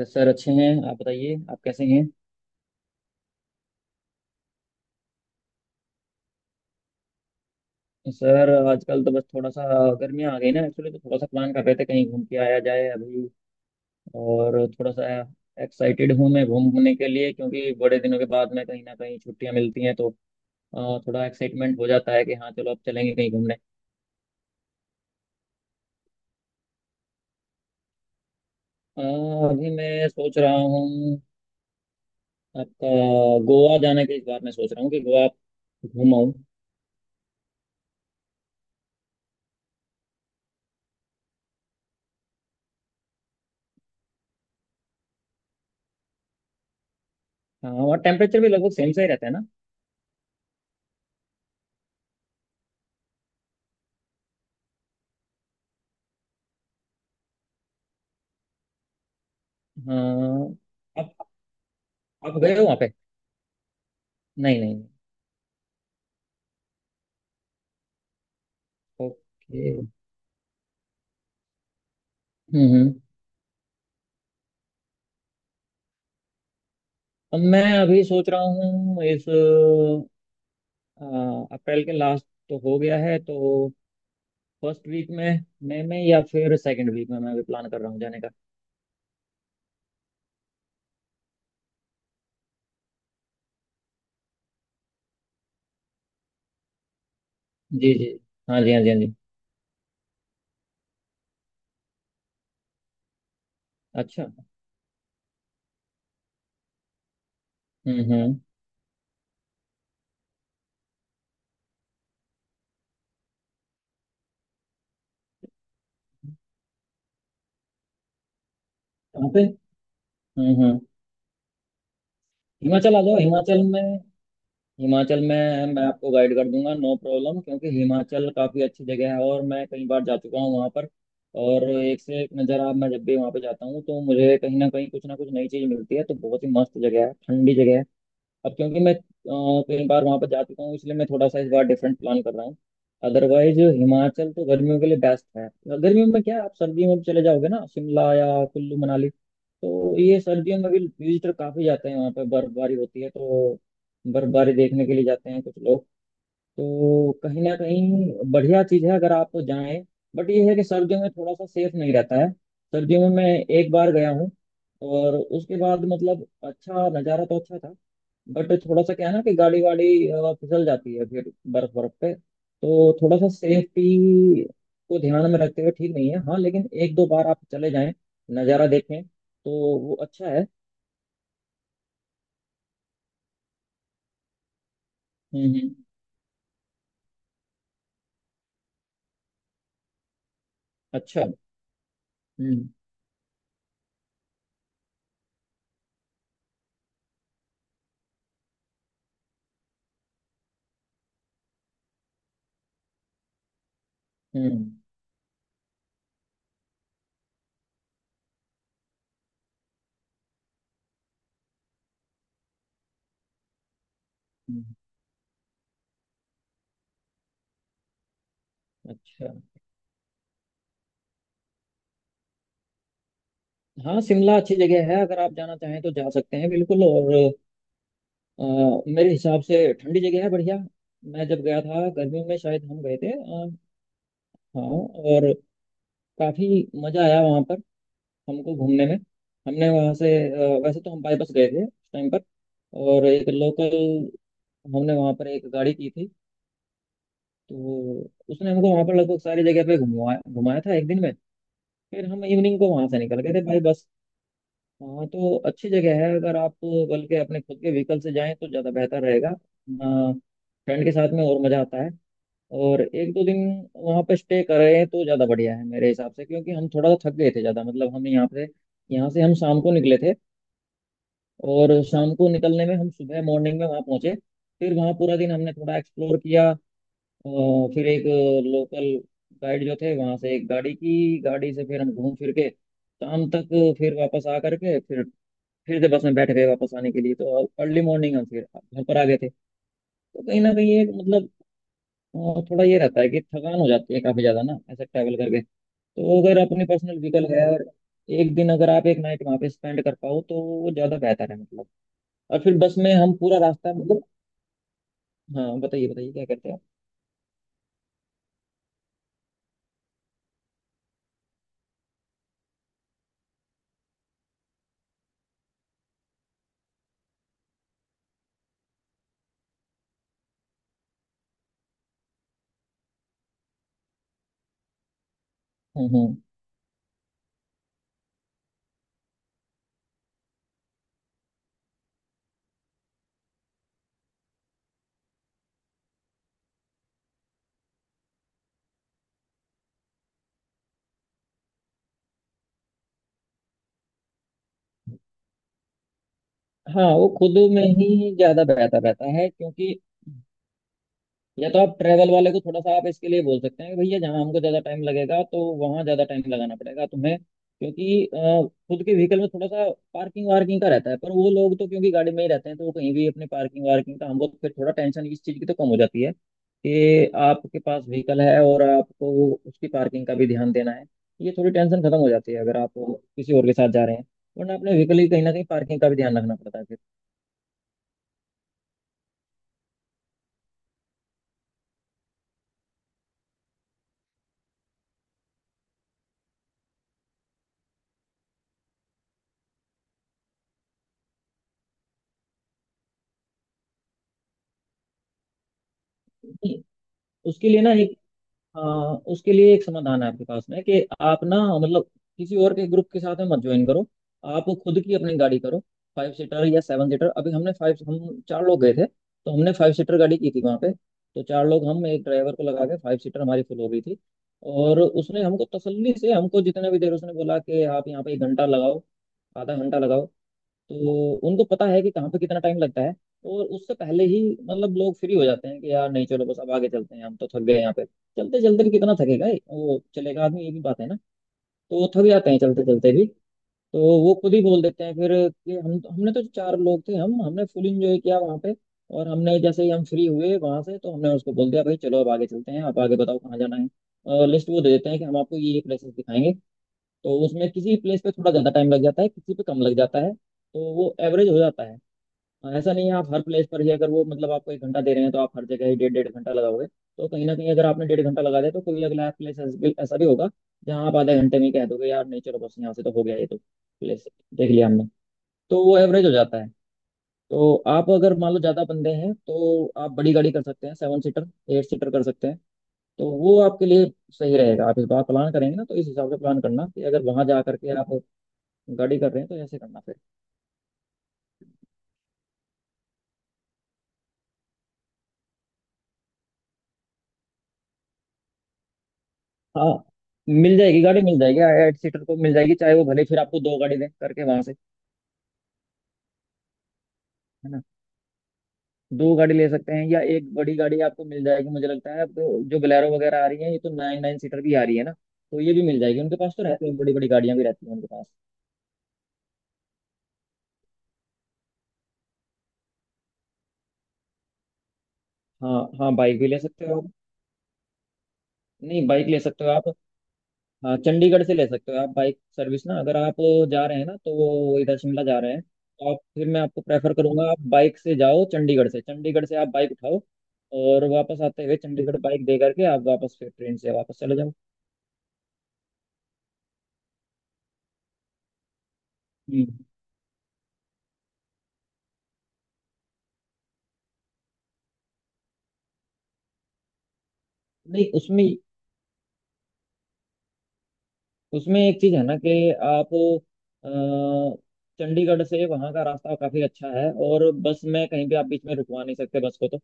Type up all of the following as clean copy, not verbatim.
बस सर अच्छे हैं। आप बताइए, आप कैसे हैं? सर आजकल तो बस थोड़ा सा, गर्मियाँ आ गई ना, एक्चुअली तो थोड़ा सा प्लान कर रहे थे कहीं घूम के आया जाए अभी। और थोड़ा सा एक्साइटेड हूँ मैं घूमने के लिए, क्योंकि बड़े दिनों के बाद में कहीं ना कहीं छुट्टियाँ मिलती हैं, तो थोड़ा एक्साइटमेंट हो जाता है कि हाँ चलो अब चलेंगे कहीं घूमने। अ, अभी मैं सोच रहा हूँ आपका गोवा जाने के, इस बार मैं सोच रहा हूँ कि गोवा घूमाऊँ। हाँ, और टेम्परेचर भी लगभग सेम सा ही रहता है ना। हाँ। आप आप गए हो वहाँ पे? नहीं नहीं नहीं। ओके। हम्म हम्म। अब मैं अभी सोच रहा हूँ इस अप्रैल के लास्ट तो हो गया है, तो फर्स्ट वीक में मई में या फिर सेकंड वीक में मैं अभी प्लान कर रहा हूँ जाने का। जी जी, हाँ जी हाँ जी हाँ जी। अच्छा। हम्म। कहाँ पे? हम्म। हिमाचल आ जाओ, हिमाचल में। हिमाचल में मैं आपको गाइड कर दूंगा, नो प्रॉब्लम, क्योंकि हिमाचल काफ़ी अच्छी जगह है और मैं कई बार जा चुका हूँ वहाँ पर। और एक से एक नज़ारा, मैं जब भी वहाँ पे जाता हूँ तो मुझे कहीं ना कहीं कुछ ना कुछ नई चीज़ मिलती है, तो बहुत ही मस्त जगह है, ठंडी जगह है। अब क्योंकि मैं कई बार वहां पर जा चुका हूँ, इसलिए मैं थोड़ा सा इस बार डिफरेंट प्लान कर रहा हूँ। अदरवाइज हिमाचल तो गर्मियों के लिए बेस्ट है। गर्मियों में क्या, आप सर्दियों में भी चले जाओगे ना शिमला या कुल्लू मनाली, तो ये सर्दियों में भी विजिटर काफी जाते हैं, वहाँ पे बर्फबारी होती है तो बर्फबारी देखने के लिए जाते हैं कुछ लोग। तो कहीं ना कहीं बढ़िया चीज है अगर आप जाएं। बट ये है कि सर्दियों में थोड़ा सा सेफ नहीं रहता है। सर्दियों में मैं एक बार गया हूँ, और उसके बाद मतलब अच्छा नज़ारा तो अच्छा था, बट थोड़ा सा क्या है ना कि गाड़ी वाड़ी फिसल जाती है फिर बर्फ बर्फ पे, तो थोड़ा सा सेफ्टी को ध्यान में रखते हुए ठीक नहीं है। हाँ लेकिन एक दो बार आप चले जाएं, नज़ारा देखें, तो वो अच्छा है। हम्म। अच्छा। हम्म हम्म। हम्म। अच्छा। हाँ, शिमला अच्छी जगह है, अगर आप जाना चाहें तो जा सकते हैं बिल्कुल। और मेरे हिसाब से ठंडी जगह है, बढ़िया। मैं जब गया था गर्मियों में, शायद हम गए थे हाँ, और काफी मजा आया वहाँ पर हमको घूमने में। हमने वहाँ से वैसे तो हम बाईपास गए थे उस टाइम पर। और एक लोकल, हमने वहाँ पर एक गाड़ी की थी, तो उसने हमको वहाँ पर लगभग सारी जगह पे घुमाया घुमाया था एक दिन में। फिर हम इवनिंग को वहाँ से निकल गए थे बाई बस। हाँ, तो अच्छी जगह है अगर आप, बल्कि अपने खुद के व्हीकल से जाएं तो ज़्यादा बेहतर रहेगा। फ्रेंड के साथ में और मज़ा आता है। और एक दो दिन वहाँ पे स्टे करें तो ज़्यादा बढ़िया है मेरे हिसाब से, क्योंकि हम थोड़ा सा थक गए थे ज़्यादा। मतलब हम यहाँ से, यहाँ से हम शाम को निकले थे, और शाम को निकलने में हम सुबह मॉर्निंग में वहाँ पहुंचे। फिर वहाँ पूरा दिन हमने थोड़ा एक्सप्लोर किया। और फिर एक लोकल गाइड जो थे वहाँ से, एक गाड़ी की, गाड़ी से फिर हम घूम फिर के शाम तक, फिर वापस आ करके फिर से बस में बैठ गए वापस आने के लिए, तो अर्ली मॉर्निंग हम फिर घर पर आ गए थे। तो कहीं ना कहीं एक मतलब थोड़ा ये रहता है कि थकान हो जाती है काफी ज्यादा ना ऐसे ट्रैवल करके, तो अगर अपनी पर्सनल व्हीकल है और एक दिन, अगर आप एक नाइट वहाँ पे स्पेंड कर पाओ, तो वो ज्यादा बेहतर है मतलब। और फिर बस में हम पूरा रास्ता मतलब, हाँ बताइए बताइए, क्या करते हैं आप? हम्म। हाँ, वो खुद में ही ज्यादा बेहतर रहता है, क्योंकि या तो आप ट्रैवल वाले को थोड़ा सा आप इसके लिए बोल सकते हैं कि भैया जहाँ हमको ज्यादा टाइम लगेगा तो वहाँ ज्यादा टाइम लगाना पड़ेगा तुम्हें। क्योंकि खुद के व्हीकल में थोड़ा सा पार्किंग वार्किंग का रहता है, पर वो लोग तो क्योंकि गाड़ी में ही रहते हैं तो वो कहीं भी अपने पार्किंग वार्किंग का, हमको फिर थोड़ा टेंशन इस चीज की तो कम हो जाती है, कि आपके पास व्हीकल है और आपको उसकी पार्किंग का भी ध्यान देना है, ये थोड़ी टेंशन खत्म हो जाती है अगर आप किसी और के साथ जा रहे हैं। वरना अपने व्हीकल की कहीं ना कहीं पार्किंग का भी ध्यान रखना पड़ता है। फिर उसके लिए ना, आ, उसके लिए एक समाधान है आपके पास में कि आप ना मतलब किसी और के ग्रुप के साथ में मत ज्वाइन करो, आप खुद की अपनी गाड़ी करो। 5 सीटर या 7 सीटर। अभी हमने फाइव, हम चार लोग गए थे, तो हमने 5 सीटर गाड़ी की थी वहाँ पे, तो चार लोग हम एक ड्राइवर को लगा के 5 सीटर हमारी फुल हो गई थी। और उसने हमको तसल्ली से, हमको जितने भी देर, उसने बोला कि आप यहाँ पे 1 घंटा लगाओ, आधा घंटा लगाओ, तो उनको पता है कि कहाँ पे कितना टाइम लगता है। और उससे पहले ही मतलब लोग फ्री हो जाते हैं कि यार नहीं चलो बस अब आगे चलते हैं, हम तो थक गए, यहाँ पे चलते चलते भी कितना थकेगा ये? वो चलेगा आदमी, ये भी बात है ना। तो वो थक जाते हैं चलते चलते भी, तो वो खुद ही बोल देते हैं फिर कि हम हमने तो चार लोग थे, हम हमने फुल इंजॉय किया वहाँ पे। और हमने जैसे ही हम फ्री हुए वहां से, तो हमने उसको बोल दिया भाई चलो अब आगे चलते हैं, आप आगे बताओ कहाँ जाना है। और लिस्ट वो दे देते हैं कि हम आपको ये प्लेसेस दिखाएंगे। तो उसमें किसी प्लेस पे थोड़ा ज्यादा टाइम लग जाता है, किसी पे कम लग जाता है, तो वो एवरेज हो जाता है। हाँ, ऐसा नहीं है आप हर प्लेस पर ही, अगर वो मतलब आपको 1 घंटा दे रहे हैं तो आप हर जगह ही 1.5 1.5 घंटा लगाओगे, तो कहीं ना कहीं अगर आपने 1.5 घंटा लगा दिया तो कोई अगला प्लेस ऐसा भी होगा जहाँ आप आधे घंटे में ही कह दोगे यार नहीं चलो बस यहाँ से, तो हो गया ये तो प्लेस, देख लिया हमने, तो वो एवरेज हो जाता है। तो आप अगर मान लो ज़्यादा बंदे हैं तो आप बड़ी गाड़ी कर सकते हैं, 7 सीटर, 8 सीटर कर सकते हैं, तो वो आपके लिए सही रहेगा। आप इस बार प्लान करेंगे ना तो इस हिसाब से प्लान करना कि अगर वहां जा करके आप गाड़ी कर रहे हैं तो ऐसे करना फिर। हाँ, मिल जाएगी, गाड़ी मिल जाएगी, 8 सीटर को मिल जाएगी, चाहे वो भले फिर आपको दो गाड़ी दें करके वहां से। है ना, दो गाड़ी ले सकते हैं, या एक बड़ी गाड़ी आपको मिल जाएगी, मुझे लगता है, आपको जो बोलेरो वगैरह आ रही है ये तो नाइन नाइन सीटर भी आ रही है ना, तो ये भी मिल जाएगी, उनके पास तो रहती है, बड़ी बड़ी गाड़ियां भी रहती हैं उनके पास। हाँ हाँ, बाइक भी ले सकते हो आप। नहीं, बाइक ले सकते हो आप, हाँ चंडीगढ़ से ले सकते हो आप, बाइक सर्विस ना, अगर आप जा रहे हैं ना, तो वो इधर शिमला जा रहे हैं, तो आप फिर मैं आपको प्रेफर करूंगा आप बाइक से जाओ चंडीगढ़ से आप बाइक उठाओ, और वापस आते हुए चंडीगढ़ बाइक दे करके आप वापस फिर ट्रेन से वापस चले जाओ। हम्म। नहीं उसमें उसमें एक चीज़ है ना कि आप अ, चंडीगढ़ से वहाँ का रास्ता काफ़ी अच्छा है, और बस में कहीं भी आप बीच में रुकवा नहीं सकते बस को तो।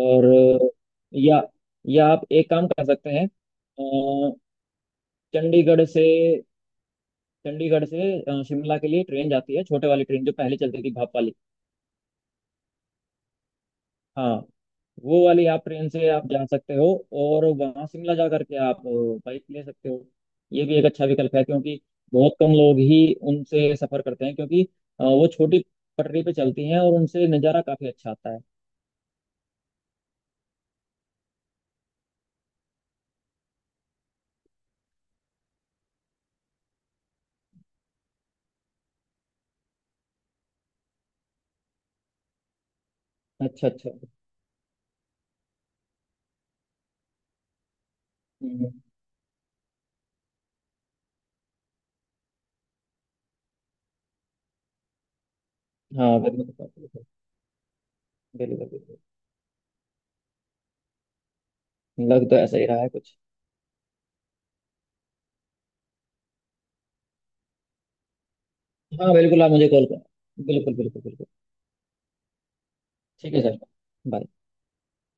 और अ, या या आप एक काम कर सकते हैं, चंडीगढ़ से चंडीगढ़ से शिमला के लिए ट्रेन जाती है, छोटे वाली ट्रेन जो पहले चलती थी भाप वाली। हाँ, वो वाली आप ट्रेन से आप जा सकते हो, और वहाँ शिमला जा करके आप बाइक ले सकते हो, ये भी एक अच्छा विकल्प है, क्योंकि बहुत कम लोग ही उनसे सफर करते हैं, क्योंकि वो छोटी पटरी पे चलती हैं और उनसे नज़ारा काफी अच्छा आता है। अच्छा अच्छा। हम्म। हाँ, बिल्कुल बिल्कुल। बिल्कुल बिल्कुल। लग तो ऐसा ही रहा है कुछ। हाँ बिल्कुल, आप मुझे कॉल कर, बिल्कुल बिल्कुल बिल्कुल। ठीक है सर। बाय।